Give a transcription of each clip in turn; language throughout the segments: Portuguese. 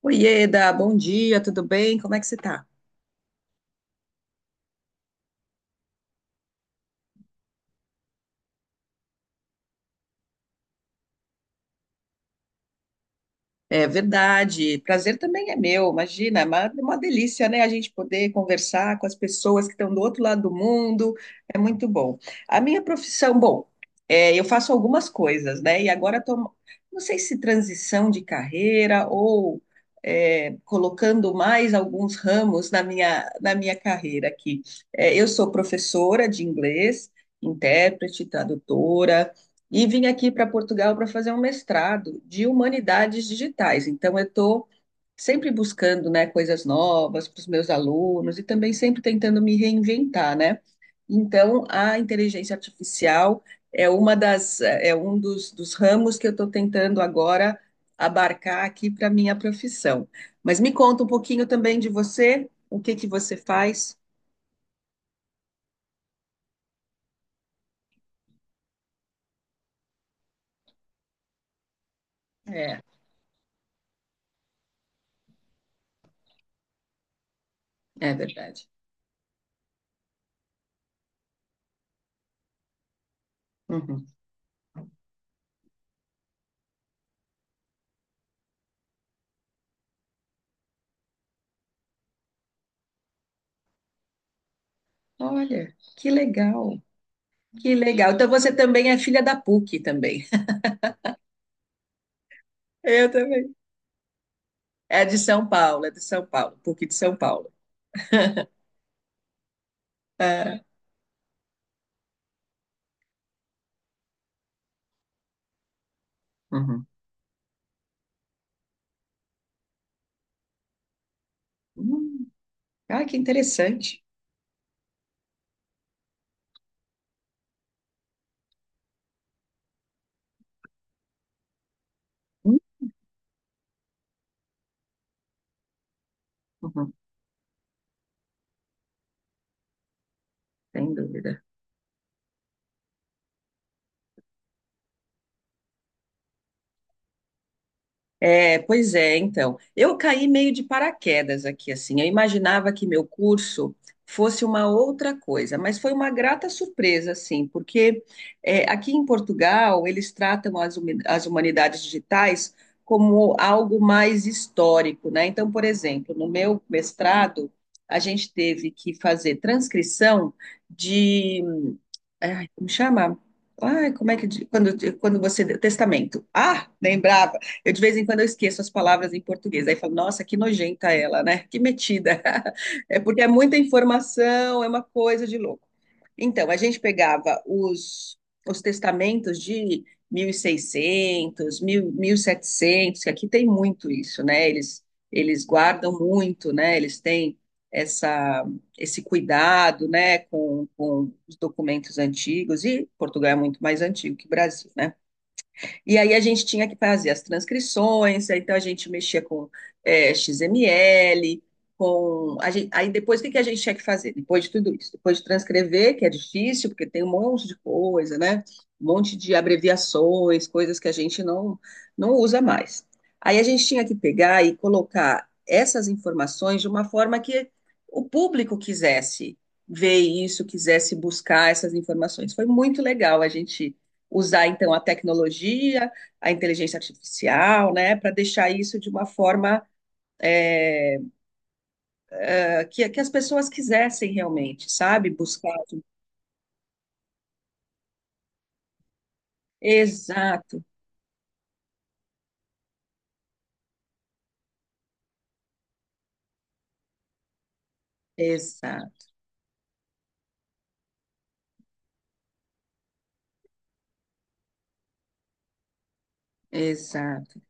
Oieda, bom dia, tudo bem? Como é que você tá? É verdade, prazer também é meu, imagina, é uma delícia, né? A gente poder conversar com as pessoas que estão do outro lado do mundo, é muito bom. A minha profissão, bom, eu faço algumas coisas, né? E agora estou, não sei se transição de carreira ou colocando mais alguns ramos na minha carreira aqui. É, eu sou professora de inglês, intérprete, tradutora. E vim aqui para Portugal para fazer um mestrado de humanidades digitais. Então, eu estou sempre buscando, né, coisas novas para os meus alunos e também sempre tentando me reinventar, né? Então, a inteligência artificial é uma das é um dos ramos que eu estou tentando agora abarcar aqui para minha profissão. Mas me conta um pouquinho também de você, o que que você faz? É, é verdade. Uhum. Olha, que legal. Que legal. Então você também é filha da PUC também. Eu também. É de São Paulo, é de São Paulo, PUC de São Paulo. É. Uhum. Hum. Ah, que interessante. Uhum, sem dúvida. É, pois é, então. Eu caí meio de paraquedas aqui, assim. Eu imaginava que meu curso fosse uma outra coisa, mas foi uma grata surpresa, assim, porque é, aqui em Portugal eles tratam as, as humanidades digitais como algo mais histórico, né? Então, por exemplo, no meu mestrado, a gente teve que fazer transcrição. Ai, como chama? Ai, como é que. Quando, quando você. Testamento. Ah, lembrava. Eu, de vez em quando, eu esqueço as palavras em português. Aí falo, nossa, que nojenta ela, né? Que metida. É porque é muita informação, é uma coisa de louco. Então, a gente pegava os testamentos de 1600, mil 1000, 700. Que aqui tem muito isso, né? Eles guardam muito, né? Eles têm essa esse cuidado, né, com os documentos antigos, e Portugal é muito mais antigo que o Brasil, né? E aí a gente tinha que fazer as transcrições, aí então a gente mexia com XML, com. Aí depois o que que a gente tinha que fazer? Depois de tudo isso? Depois de transcrever, que é difícil, porque tem um monte de coisa, né? Um monte de abreviações, coisas que a gente não, não usa mais. Aí a gente tinha que pegar e colocar essas informações de uma forma que o público quisesse ver isso, quisesse buscar essas informações. Foi muito legal a gente usar então a tecnologia, a inteligência artificial, né, para deixar isso de uma forma é, que as pessoas quisessem realmente, sabe? Buscar. Exato, exato, exato.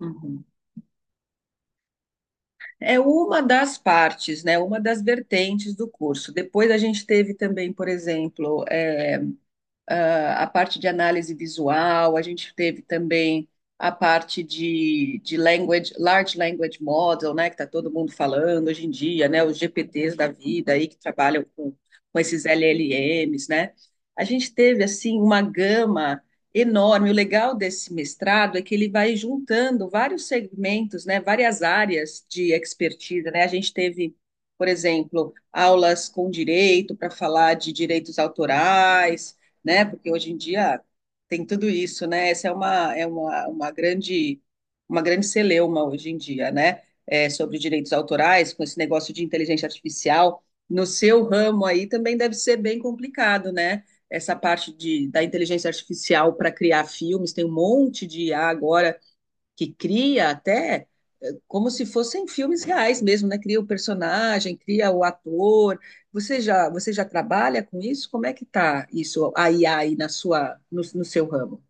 Uhum. É uma das partes, né? Uma das vertentes do curso. Depois a gente teve também, por exemplo, a parte de análise visual, a gente teve também a parte de language, large language model, né, que está todo mundo falando hoje em dia, né, os GPTs da vida aí que trabalham com esses LLMs, né? A gente teve assim uma gama enorme. O legal desse mestrado é que ele vai juntando vários segmentos, né, várias áreas de expertise, né? A gente teve, por exemplo, aulas com direito para falar de direitos autorais, né? Porque hoje em dia tem tudo isso, né? Essa é uma grande celeuma hoje em dia, né? É, sobre direitos autorais, com esse negócio de inteligência artificial. No seu ramo aí também deve ser bem complicado, né? Essa parte de, da inteligência artificial para criar filmes, tem um monte de IA agora que cria até como se fossem filmes reais mesmo, né? Cria o personagem, cria o ator. Você já trabalha com isso? Como é que tá isso, a IA aí na sua, no seu ramo?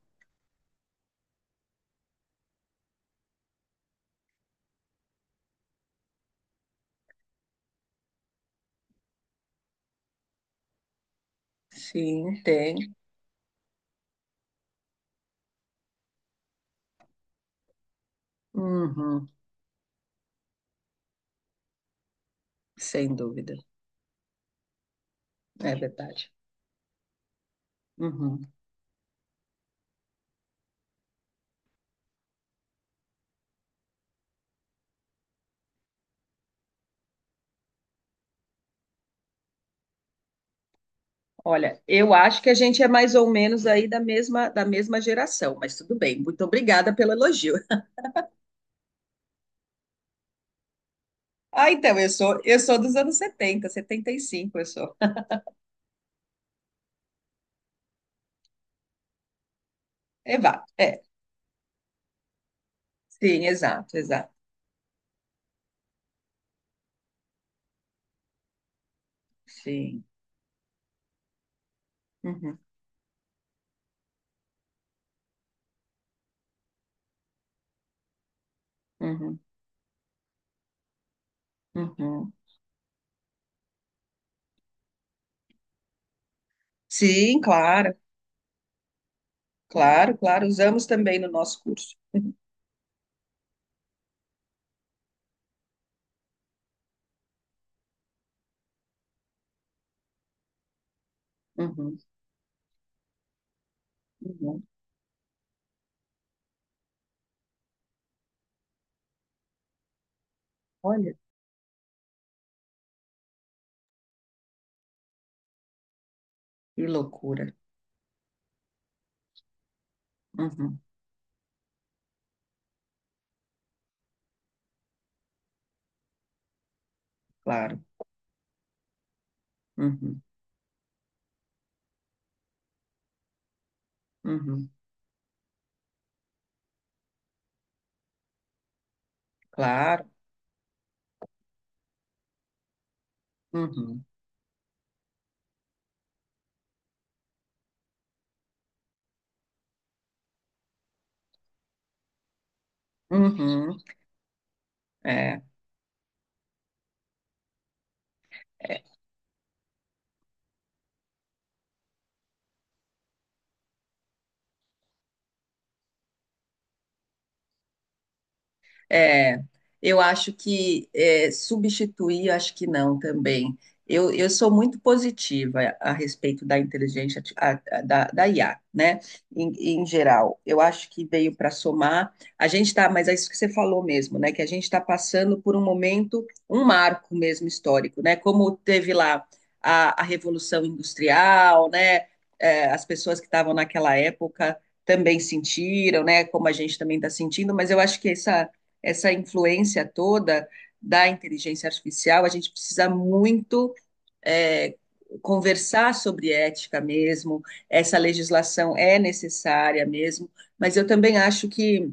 Sim, tem. Uhum, sem dúvida. É verdade. Uhum. Olha, eu acho que a gente é mais ou menos aí da mesma geração, mas tudo bem. Muito obrigada pelo elogio. Ah, então, eu sou dos anos 70, 75, eu sou. Eva, é. Sim, exato, exato. Sim. Uhum, uhum, uhum. Sim, claro, claro, claro. Usamos também no nosso curso. Uhum, uhum. Olha, que loucura. Uhum, claro. Uhum, uhum, claro. Uhum, uhum. É. É, eu acho que é, substituir, acho que não também. Eu sou muito positiva a respeito da inteligência da IA, né? Em geral, eu acho que veio para somar. A gente está, mas é isso que você falou mesmo, né? Que a gente está passando por um momento, um marco mesmo histórico, né? Como teve lá a Revolução Industrial, né? É, as pessoas que estavam naquela época também sentiram, né? Como a gente também está sentindo, mas eu acho que essa influência toda da inteligência artificial, a gente precisa muito é, conversar sobre ética mesmo, essa legislação é necessária mesmo, mas eu também acho que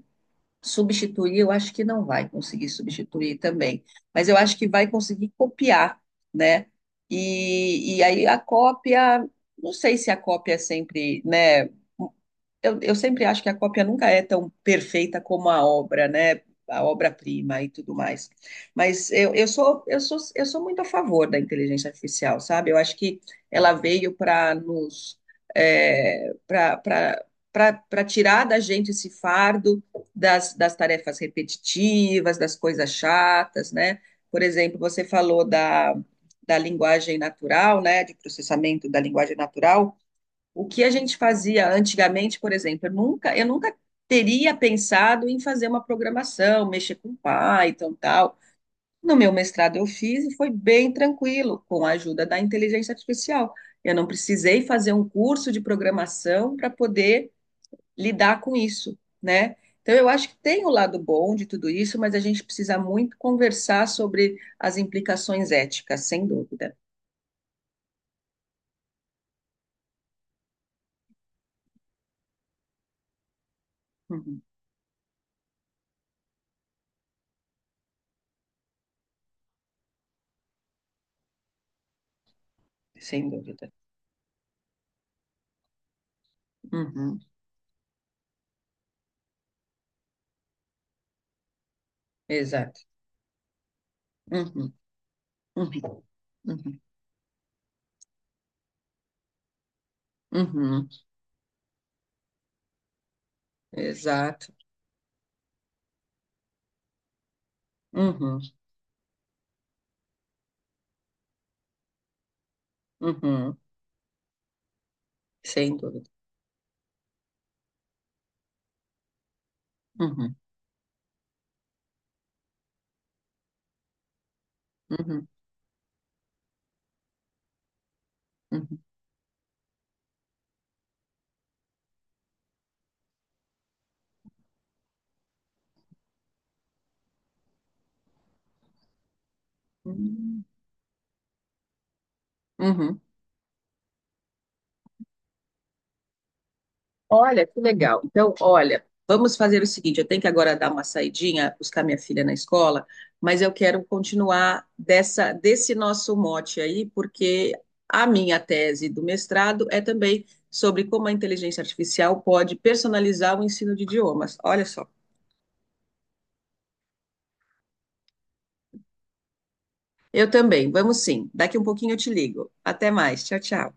substituir, eu acho que não vai conseguir substituir também, mas eu acho que vai conseguir copiar, né? E aí a cópia, não sei se a cópia é sempre, né, eu sempre acho que a cópia nunca é tão perfeita como a obra, né? A obra-prima e tudo mais. Mas eu sou muito a favor da inteligência artificial, sabe? Eu acho que ela veio para nos, para para tirar da gente esse fardo das tarefas repetitivas, das coisas chatas, né? Por exemplo, você falou da linguagem natural, né? De processamento da linguagem natural. O que a gente fazia antigamente, por exemplo, eu nunca teria pensado em fazer uma programação, mexer com Python, tal. No meu mestrado eu fiz e foi bem tranquilo, com a ajuda da inteligência artificial. Eu não precisei fazer um curso de programação para poder lidar com isso, né? Então eu acho que tem o lado bom de tudo isso, mas a gente precisa muito conversar sobre as implicações éticas, sem dúvida. Uhum, sem dúvida. Uhum, exato. Uhum, uhum, uhum. Uhum, exato. Uhum, uhum, sem dúvida. Uhum, uhum, uhum, uhum. Uhum. Olha, que legal. Então, olha, vamos fazer o seguinte: eu tenho que agora dar uma saidinha, buscar minha filha na escola, mas eu quero continuar desse nosso mote aí, porque a minha tese do mestrado é também sobre como a inteligência artificial pode personalizar o ensino de idiomas. Olha só. Eu também, vamos sim. Daqui um pouquinho eu te ligo. Até mais. Tchau, tchau.